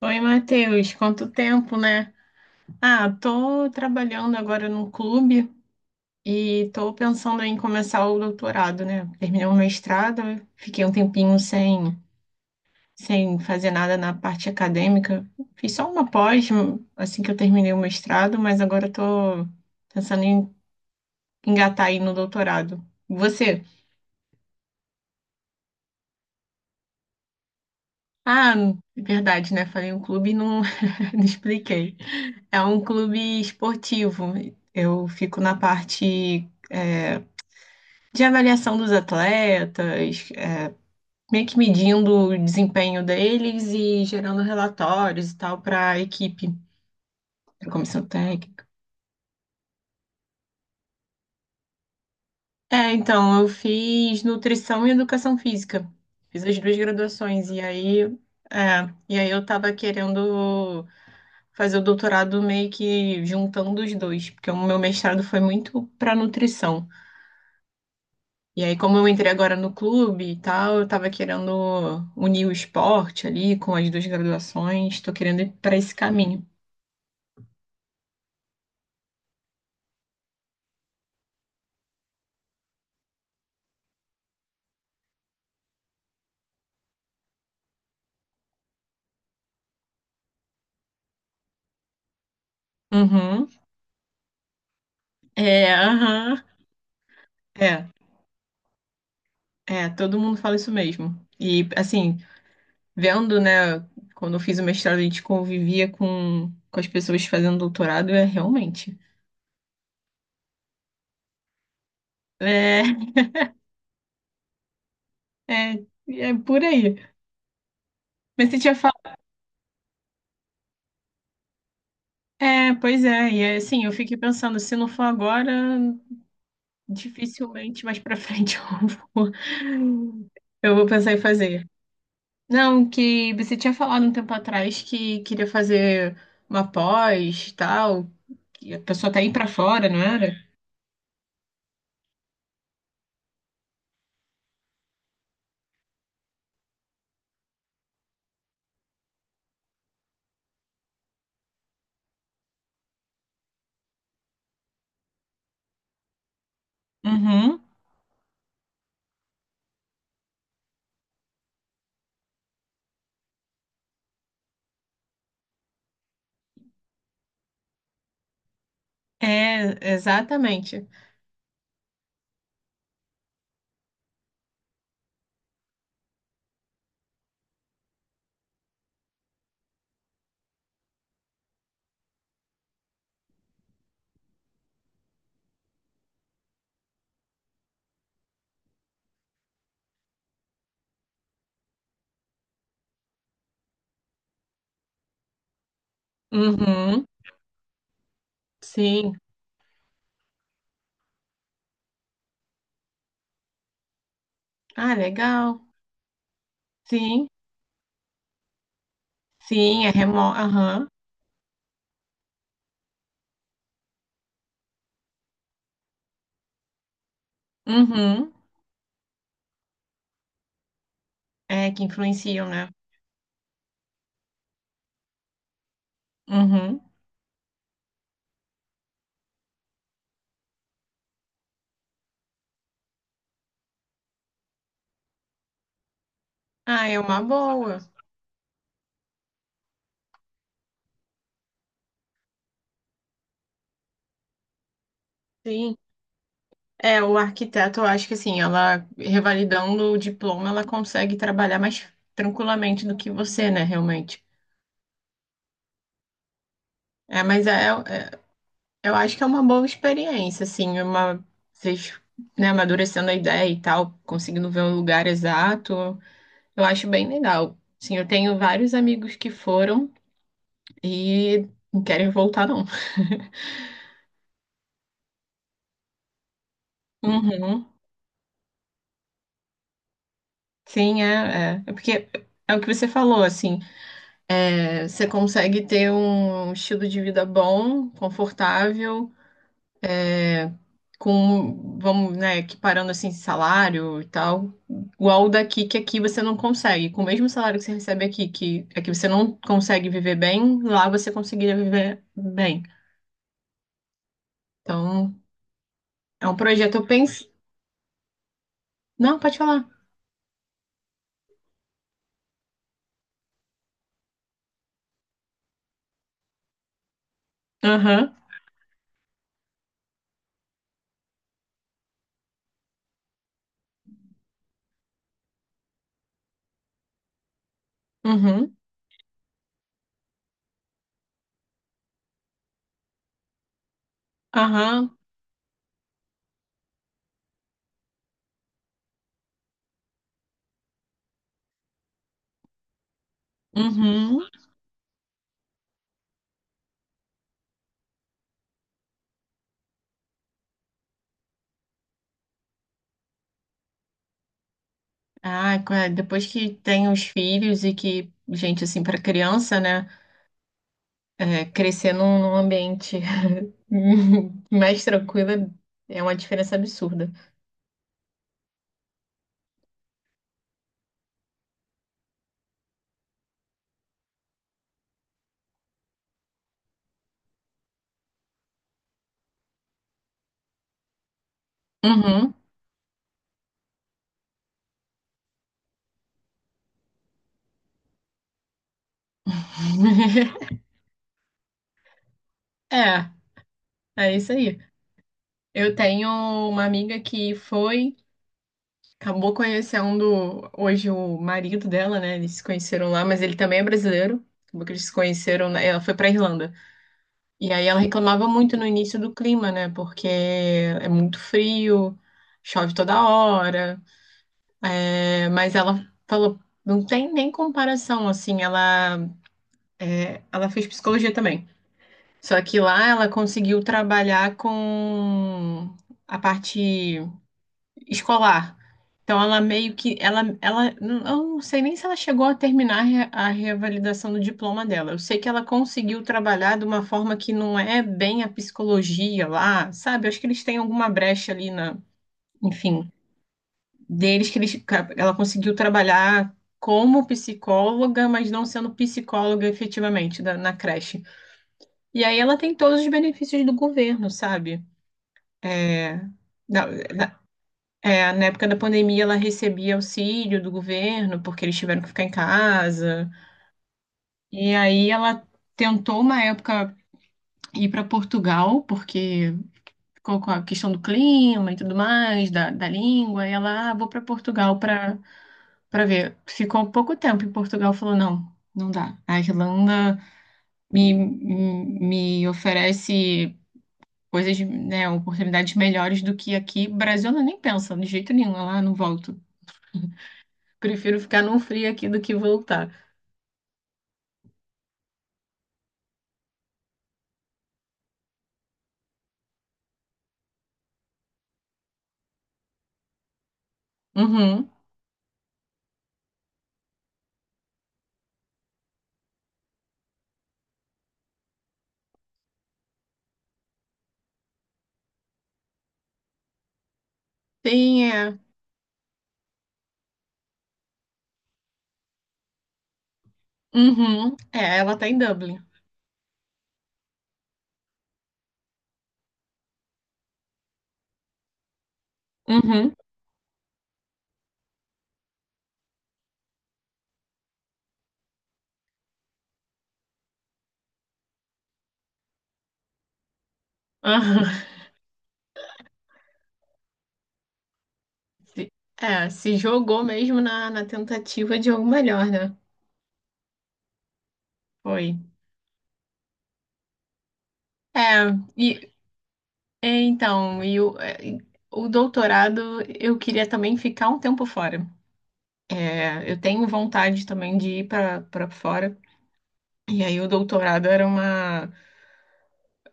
Oi, Matheus, quanto tempo, né? Ah, tô trabalhando agora num clube e tô pensando em começar o doutorado, né? Terminei o mestrado, fiquei um tempinho sem fazer nada na parte acadêmica. Fiz só uma pós assim que eu terminei o mestrado, mas agora tô pensando em engatar aí no doutorado. Você? Ah, verdade, né? Falei um clube e não, não expliquei. É um clube esportivo. Eu fico na parte, de avaliação dos atletas, meio que medindo o desempenho deles e gerando relatórios e tal para a equipe, para a comissão técnica. É, então, eu fiz nutrição e educação física. Fiz as duas graduações e aí, eu tava querendo fazer o doutorado meio que juntando os dois, porque o meu mestrado foi muito para nutrição. E aí, como eu entrei agora no clube e tal, eu tava querendo unir o esporte ali com as duas graduações, tô querendo ir para esse caminho. Uhum. É, aham. É, é, todo mundo fala isso mesmo. E assim, vendo, né, quando eu fiz o mestrado, a gente convivia com as pessoas fazendo doutorado, é realmente. É, é por aí. Mas você tinha falado. É, pois é. E assim, eu fiquei pensando, se não for agora, dificilmente mais pra frente vou, eu vou pensar em fazer. Não, que você tinha falado um tempo atrás que queria fazer uma pós, tal, que a pessoa tá indo pra fora, não era? Uhum. É, exatamente. Uhum. Sim. Ah, legal. Sim. Sim, é remoto. Aham. Uhum. É, que influenciam, né? Uhum. Ah, é uma boa. Sim. É, o arquiteto, eu acho que assim, ela revalidando o diploma, ela consegue trabalhar mais tranquilamente do que você, né, realmente. É, mas eu acho que é uma boa experiência, assim, uma vocês, né, amadurecendo a ideia e tal, conseguindo ver o lugar exato, eu acho bem legal. Sim, eu tenho vários amigos que foram e não querem voltar, não. Uhum. Sim, é, é. É porque é o que você falou, assim, você consegue ter um estilo de vida bom, confortável, é, com, vamos, né, equiparando assim salário e tal, igual o daqui que aqui você não consegue. Com o mesmo salário que você recebe aqui, que aqui você não consegue viver bem, lá você conseguiria viver bem. Então, é um projeto, eu penso. Não, pode falar. Aham, uhum, aham, uhum. Ah, depois que tem os filhos e que, gente, assim, para criança, né? É, crescer num ambiente mais tranquilo é uma diferença absurda. Uhum. É, é isso aí. Eu tenho uma amiga que foi, acabou conhecendo hoje o marido dela, né? Eles se conheceram lá, mas ele também é brasileiro. Acabou que eles se conheceram, ela foi pra Irlanda. E aí ela reclamava muito no início do clima, né? Porque é muito frio, chove toda hora. É, mas ela falou, não tem nem comparação, assim, ela fez psicologia também. Só que lá ela conseguiu trabalhar com a parte escolar. Então ela meio que ela ela eu não sei nem se ela chegou a terminar a reavalidação do diploma dela. Eu sei que ela conseguiu trabalhar de uma forma que não é bem a psicologia lá, sabe? Eu acho que eles têm alguma brecha ali na, enfim, deles que ela conseguiu trabalhar como psicóloga, mas não sendo psicóloga efetivamente na creche. E aí ela tem todos os benefícios do governo, sabe? É, na, na- na época da pandemia ela recebia auxílio do governo, porque eles tiveram que ficar em casa. E aí ela tentou uma época ir para Portugal, porque ficou com a questão do clima e tudo mais, da língua, e ela, ah, vou para Portugal para Pra ver, ficou pouco tempo em Portugal, falou, não, não dá. A Irlanda me oferece coisas, né, oportunidades melhores do que aqui. Brasil ela nem pensa, de jeito nenhum, ela, "Ah, não volto. Prefiro ficar num frio aqui do que voltar." Uhum. Sim, é. Uhum. É, ela tá em Dublin. Uhum. Aham. Se- É, se jogou mesmo na tentativa de algo melhor, né? Foi. É, e É, então, o doutorado eu queria também ficar um tempo fora. É, eu tenho vontade também de ir para fora. E aí o doutorado era uma,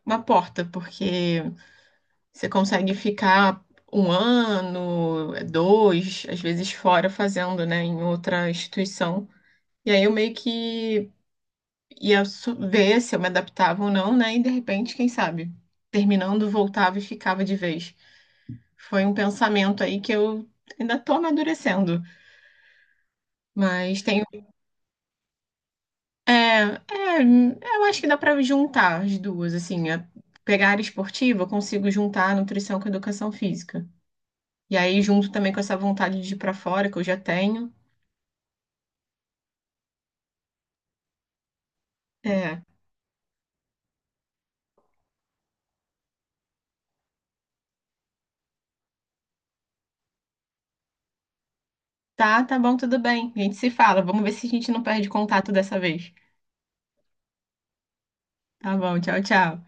uma porta, porque você consegue ficar um ano, dois, às vezes fora fazendo, né, em outra instituição. E aí eu meio que ia ver se eu me adaptava ou não, né? E de repente, quem sabe, terminando, voltava e ficava de vez. Foi um pensamento aí que eu ainda tô amadurecendo, mas tenho. É, eu acho que dá pra juntar as duas, assim. Pegar a área esportiva, eu consigo juntar a nutrição com a educação física. E aí, junto também com essa vontade de ir pra fora que eu já tenho. É, tá, tá bom, tudo bem. A gente se fala. Vamos ver se a gente não perde contato dessa vez. Tá bom, tchau, tchau.